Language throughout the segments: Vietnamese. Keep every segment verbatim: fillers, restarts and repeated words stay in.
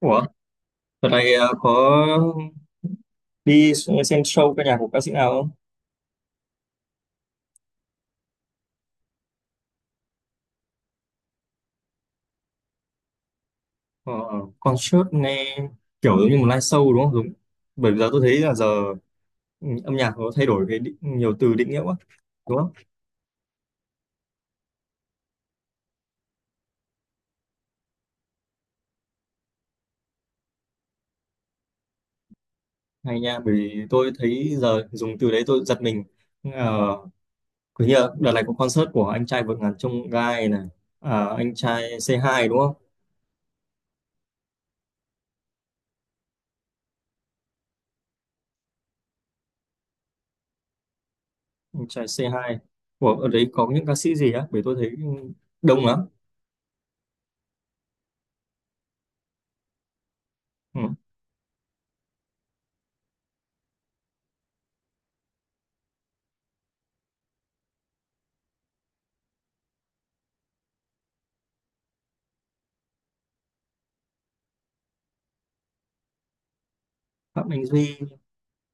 Ủa, đợt này ờ, có đi xem show ca nhạc của ca sĩ nào không? Ờ, concert nghe kiểu giống như một live show đúng không? Đúng. Bởi vì giờ tôi thấy là giờ ừ, âm nhạc nó thay đổi cái định, nhiều từ định nghĩa quá, đúng không? Hay nha, bởi vì tôi thấy giờ dùng từ đấy tôi giật mình. Ờ, cứ như là đợt này có concert của anh trai vượt ngàn chông gai này, à, anh trai c hai đúng không? Anh trai c hai. Ủa, ở đấy có những ca sĩ gì á? Bởi tôi thấy đông lắm. Ừ. Phạm Anh Duy.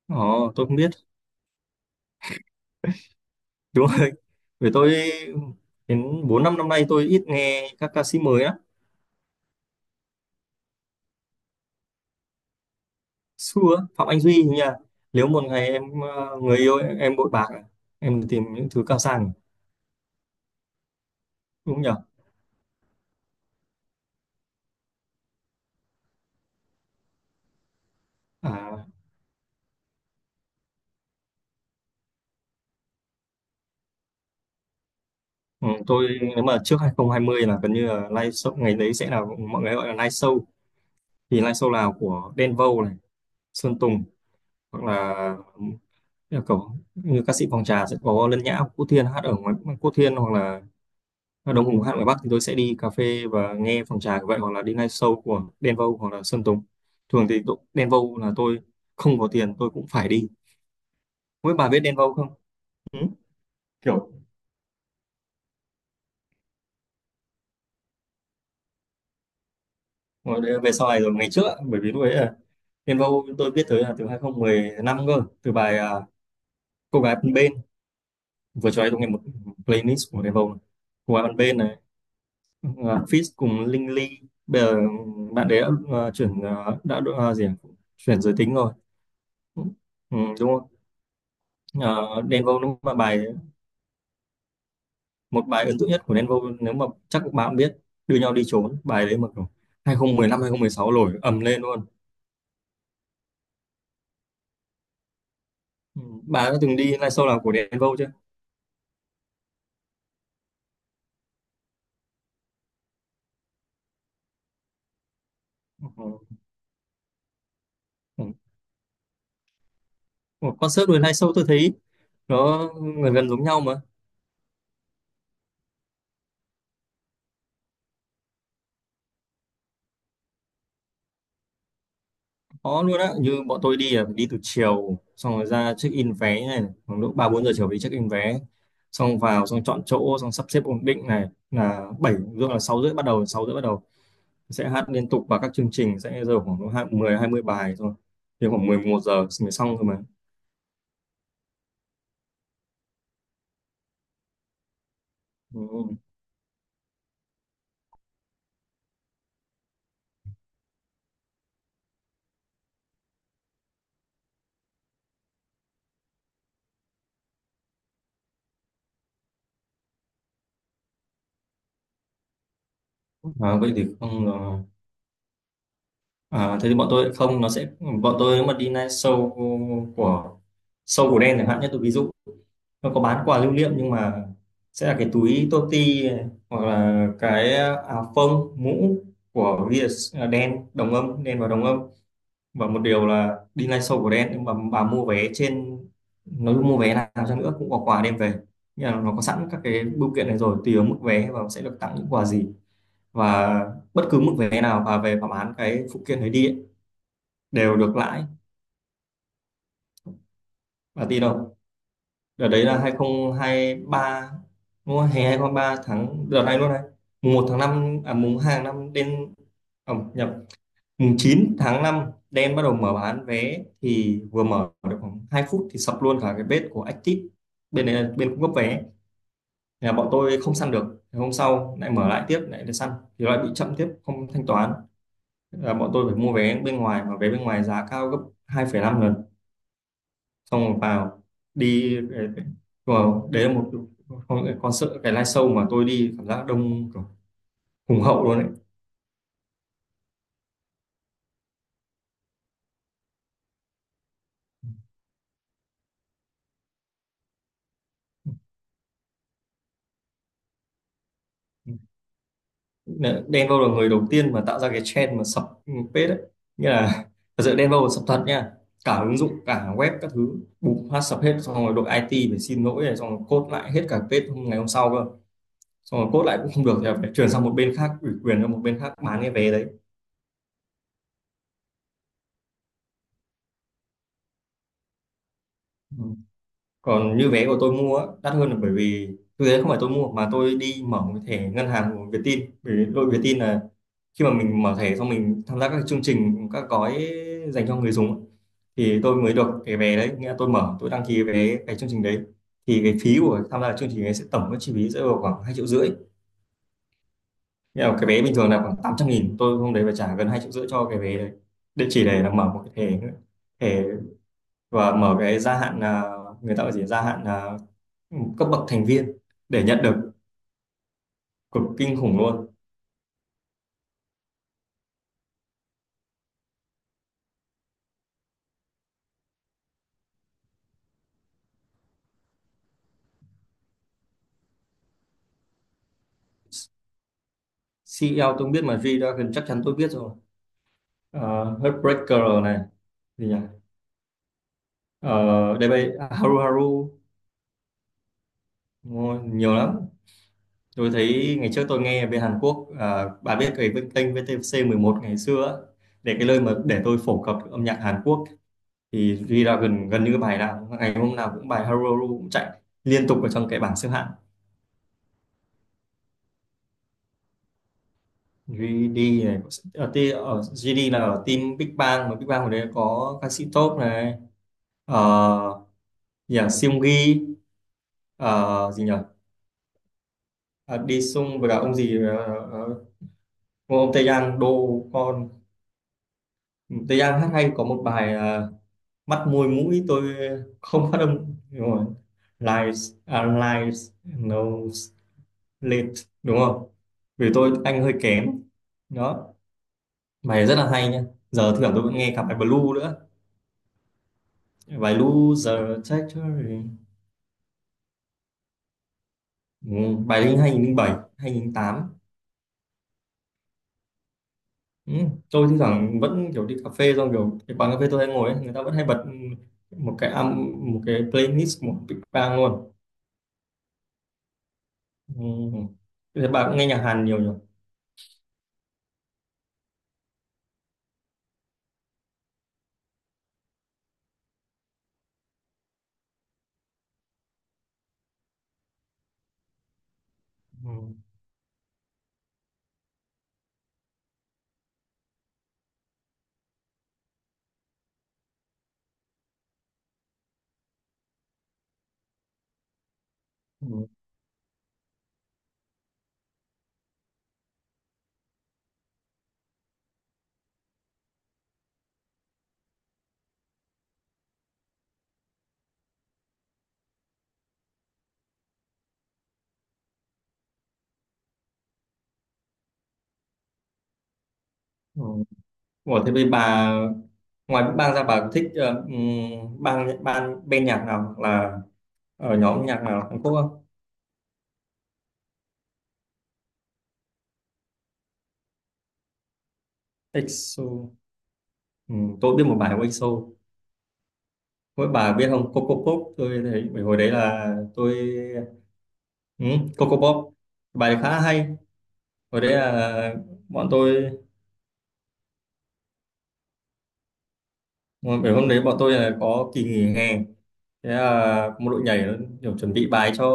Ồ, tôi không biết. Đúng rồi. Vì tôi đến bốn năm năm nay tôi ít nghe các ca sĩ mới á. Xưa Phạm Anh Duy hình như là nếu một ngày em ờ, người yêu em bội bạc à, em tìm những thứ cao sang, đúng nhỉ? À ừ, tôi nếu mà trước hai không hai không là gần như là live show, ngày đấy sẽ là mọi người gọi là live show thì live show là của Đen Vâu này, Sơn Tùng, hoặc là ừ, kiểu như ca sĩ Phòng Trà sẽ có Lân Nhã, Quốc Thiên hát ở ngoài, Quốc Thiên hoặc là ở Đông Hùng hát ngoài Bắc thì tôi sẽ đi cà phê và nghe phòng trà như vậy, hoặc là đi ngay show của Đen Vâu hoặc là Sơn Tùng. Thường thì tụ- Đen Vâu là tôi không có tiền tôi cũng phải đi. Mỗi bà biết Đen Vâu không? Ừ? Kiểu ngồi đây- về sau này rồi ngày trước ạ, bởi vì lúc ấy là Đen Vâu tôi biết tới là từ hai không một năm cơ, từ bài à, Cô gái bên bên vừa cho ấy tôi nghe một playlist của Đen Vâu này. Cô gái bên bên này, uh, Fizz cùng Linh Ly, bây giờ ừ, bạn đấy đã à, chuyển à, đã à, gì ạ? Chuyển giới tính rồi. Ừ, đúng rồi. Ờ, Đen Vâu đúng là bài một bài ấn tượng nhất của Đen Vâu, nếu mà chắc các bạn biết đưa nhau đi trốn, bài đấy mà kiểu hai không một năm hai không một sáu nổi ầm lên luôn. Ừ. Bà đã từng đi live show nào của Đen Vâu chưa? Ừ. Ừ. Một concert với live show tôi thấy nó gần gần giống nhau mà khó luôn á, như bọn tôi đi là phải đi từ chiều xong rồi ra check in vé này khoảng độ ba bốn giờ chiều đi check in vé, xong vào xong chọn chỗ xong sắp xếp ổn định này, là bảy rưỡi là sáu rưỡi bắt đầu, sáu rưỡi bắt đầu sẽ hát liên tục và các chương trình sẽ giờ khoảng hai- mười hai mươi bài thôi, thì khoảng mười một giờ mới xong thôi mà. Ừ. À, vậy thì không ờ, à, thế thì bọn tôi không, nó sẽ bọn tôi nếu mà đi night show của show của đen chẳng hạn, nhất tôi ví dụ nó có bán quà lưu niệm nhưng mà sẽ là cái túi toti này, hoặc là cái áo phông mũ của vi ét đen đồng âm, đen và đồng âm. Và một điều là đi live show của Đen nhưng mà bà mua vé trên, nói chung mua vé nào cho nữa cũng có quà đem về, nhưng mà nó có sẵn các cái bưu kiện này rồi tùy vào mức vé và sẽ được tặng những quà gì, và bất cứ mức vé nào bà về bà bán cái phụ kiện đấy đi ấy, đều được lãi. Bà tin đâu, đợt đấy là hai không hai ba đúng không? Hè hai không hai ba tháng đợt này luôn này, mùng một tháng năm à mùng hai tháng năm, đến à, nhầm, mùng chín tháng năm đen bắt đầu mở bán vé, thì vừa mở được khoảng hai phút thì sập luôn cả cái bếp của Active, bên đấy là bên cung cấp vé. Thế là bọn tôi không săn được. Thế hôm sau lại mở lại tiếp lại để săn thì lại bị chậm tiếp không thanh toán, là bọn tôi phải mua vé bên ngoài mà vé bên ngoài giá cao gấp hai phẩy năm lần, xong rồi vào, đi vào đấy là một con, con sợ cái live show mà tôi đi cảm giác đông kiểu hùng hậu luôn đấy. Đ- Denver là người đầu tiên mà tạo ra cái trend mà sập page đấy, nghĩa là thật sự Denver là sập thật nha, cả ứng dụng cả web các thứ bùng phát sập hết, xong rồi đội i tê phải xin lỗi này xong rồi code lại hết cả page ngày hôm sau cơ, xong rồi code lại cũng không được thì phải chuyển sang một bên khác, ủy quyền cho một bên khác bán cái vé đấy. Ừ. Còn như vé của tôi mua á, đắt hơn là bởi vì thực tế không phải tôi mua mà tôi đi mở một cái thẻ ngân hàng của Vietin, bởi vì đội Vietin là khi mà mình mở thẻ xong mình tham gia các cái chương trình, các gói dành cho người dùng á, thì tôi mới được cái vé đấy, nghĩa là tôi mở tôi đăng ký cái vé cái chương trình đấy thì cái phí của tham gia chương trình ấy sẽ tổng cái chi phí sẽ vào khoảng hai triệu rưỡi, nghĩa là cái vé bình thường là khoảng tám trăm nghìn, tôi hôm đấy phải trả gần hai triệu rưỡi cho cái vé đấy để chỉ để là mở một cái thẻ nữa, và mở cái gia hạn à, người ta gọi gì, gia hạn à, cấp bậc thành viên để nhận được, cực kinh khủng luôn. Xê e xi eo tôi không biết, mà G-Dragon chắc chắn tôi biết rồi. Ờ, Heartbreaker này, gì nhỉ, uh, đây bây à, Haru Haru. Ôi, nhiều lắm, tôi thấy ngày trước tôi nghe về Hàn Quốc à, bà biết cái kênh vê tê xê mười một ngày xưa á, để cái nơi mà để tôi phổ cập âm nhạc Hàn Quốc thì G-Dragon gần như bài nào ngày hôm nào cũng bài Haru Haru cũng chạy liên tục ở trong cái bảng xếp hạng. giê đê này, ở, ti- ở giê đê là ở team Big Bang mà Big Bang hồi đấy có ca sĩ top này, ờ nhỉ, Seunggi, ờ gì nhỉ, à, đi sung với cả ông gì ờ, ờ, ờ, ông Tae Yang đô con. Tae Yang hát hay, có một bài ờ, mắt môi mũi tôi không phát âm đúng rồi, lies à, lies, nose, lips, đúng không? Vì tôi anh hơi kém. Đó, bài rất là hay nha. Giờ thưởng tôi vẫn nghe cả bài Blue nữa, bài Loser, Factory. Ừ, bài linh hai không không bảy hai không không tám. Ừ, tôi thi thoảng vẫn kiểu đi cà phê xong kiểu cái quán cà phê tôi hay ngồi ấy, người ta vẫn hay bật một cái âm một cái playlist một big bang luôn. Ừ. Thế bà cũng nghe nhạc Hàn nhiều nhỉ? Ừ. Ừ. Ừ. Ủa, thế bây bà ngoài Big Bang ra bà thích ờ, ừm, bang ban bên nhạc nào hoặc là ở nhóm nhạc nào Hàn Quốc không? i ích ô. Ừ, tôi biết một bài của ếc xô. Mỗi bà biết không Coco Pop tôi thấy bởi hồi đấy là tôi ừ, Coco Pop, bài đấy khá là hay, hồi đấy là bọn tôi, bởi hôm đấy bọn tôi là có kỳ nghỉ hè, thế là một đội nhảy nó kiểu chuẩn bị bài cho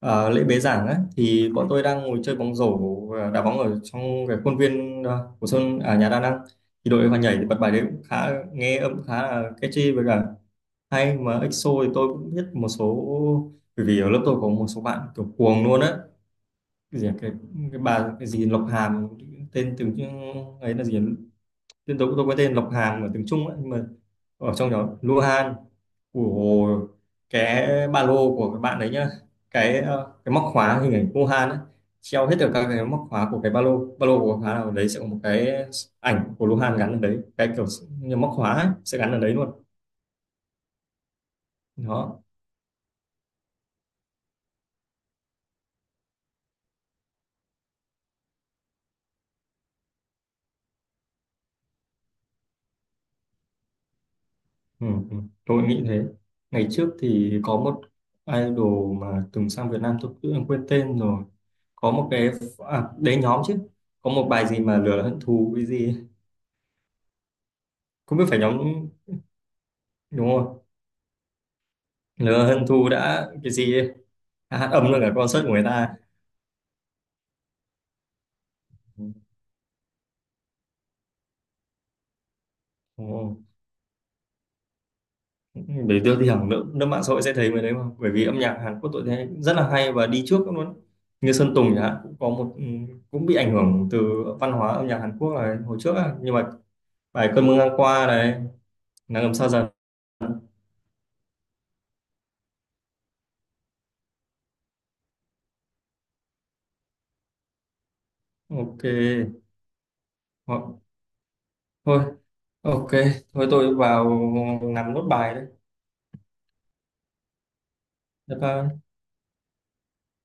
ờ, lễ bế giảng á thì bọn tôi đang ngồi chơi bóng rổ ờ, đá bóng ở trong cái khuôn viên ờ, của sân à, nhà đa năng thì đội vào nhảy thì bật bài đấy cũng khá, nghe âm khá là catchy với cả hay, mà i ích ô thì tôi cũng biết một số bởi vì ở lớp tôi có một số bạn kiểu cuồng luôn á, cái gì à, cái, cái bà cái gì Lộc Hàm, tên tiếng Trung- ấy là gì à? Tên tôi tôi có tên Lộc Hàm ở tiếng Trung á, nhưng mà ở trong đó Luhan của cái ba lô của các bạn đấy nhá, cái ờ, cái móc khóa hình ảnh Luhan á, treo hết được các cái móc khóa của cái ba lô ba lô của khóa nào đấy sẽ có một cái ảnh của Luhan gắn ở đấy cái kiểu như móc khóa ấy, sẽ gắn ở đấy luôn. Đó. Ừ, ừ. Tôi nghĩ thế. Ngày trước thì có một idol mà từng sang Việt Nam tôi tự nhiên quên tên rồi. Có một cái à, đấy nhóm chứ. Có một bài gì mà lửa hận thù cái gì ấy. Không biết phải nhóm đúng không? Lửa hận thù đã cái gì ấy. À, hát âm luôn cả concert của người ta. Ừ. Ồ, để đưa thì hẳn nước, nước mạng xã hội sẽ thấy người đấy mà. Bởi vì âm nhạc Hàn Quốc tôi thấy rất là hay và đi trước luôn. Như Sơn Tùng chẳng hạn cũng có một ừ, cũng bị ảnh hưởng từ văn hóa âm nhạc Hàn Quốc là hồi trước á. Nhưng mà bài cơn mưa ngang qua này, nắng ấm xa dần. Ok. Ho- thôi, ok, thôi tôi vào làm nốt bài đấy. Bye bye.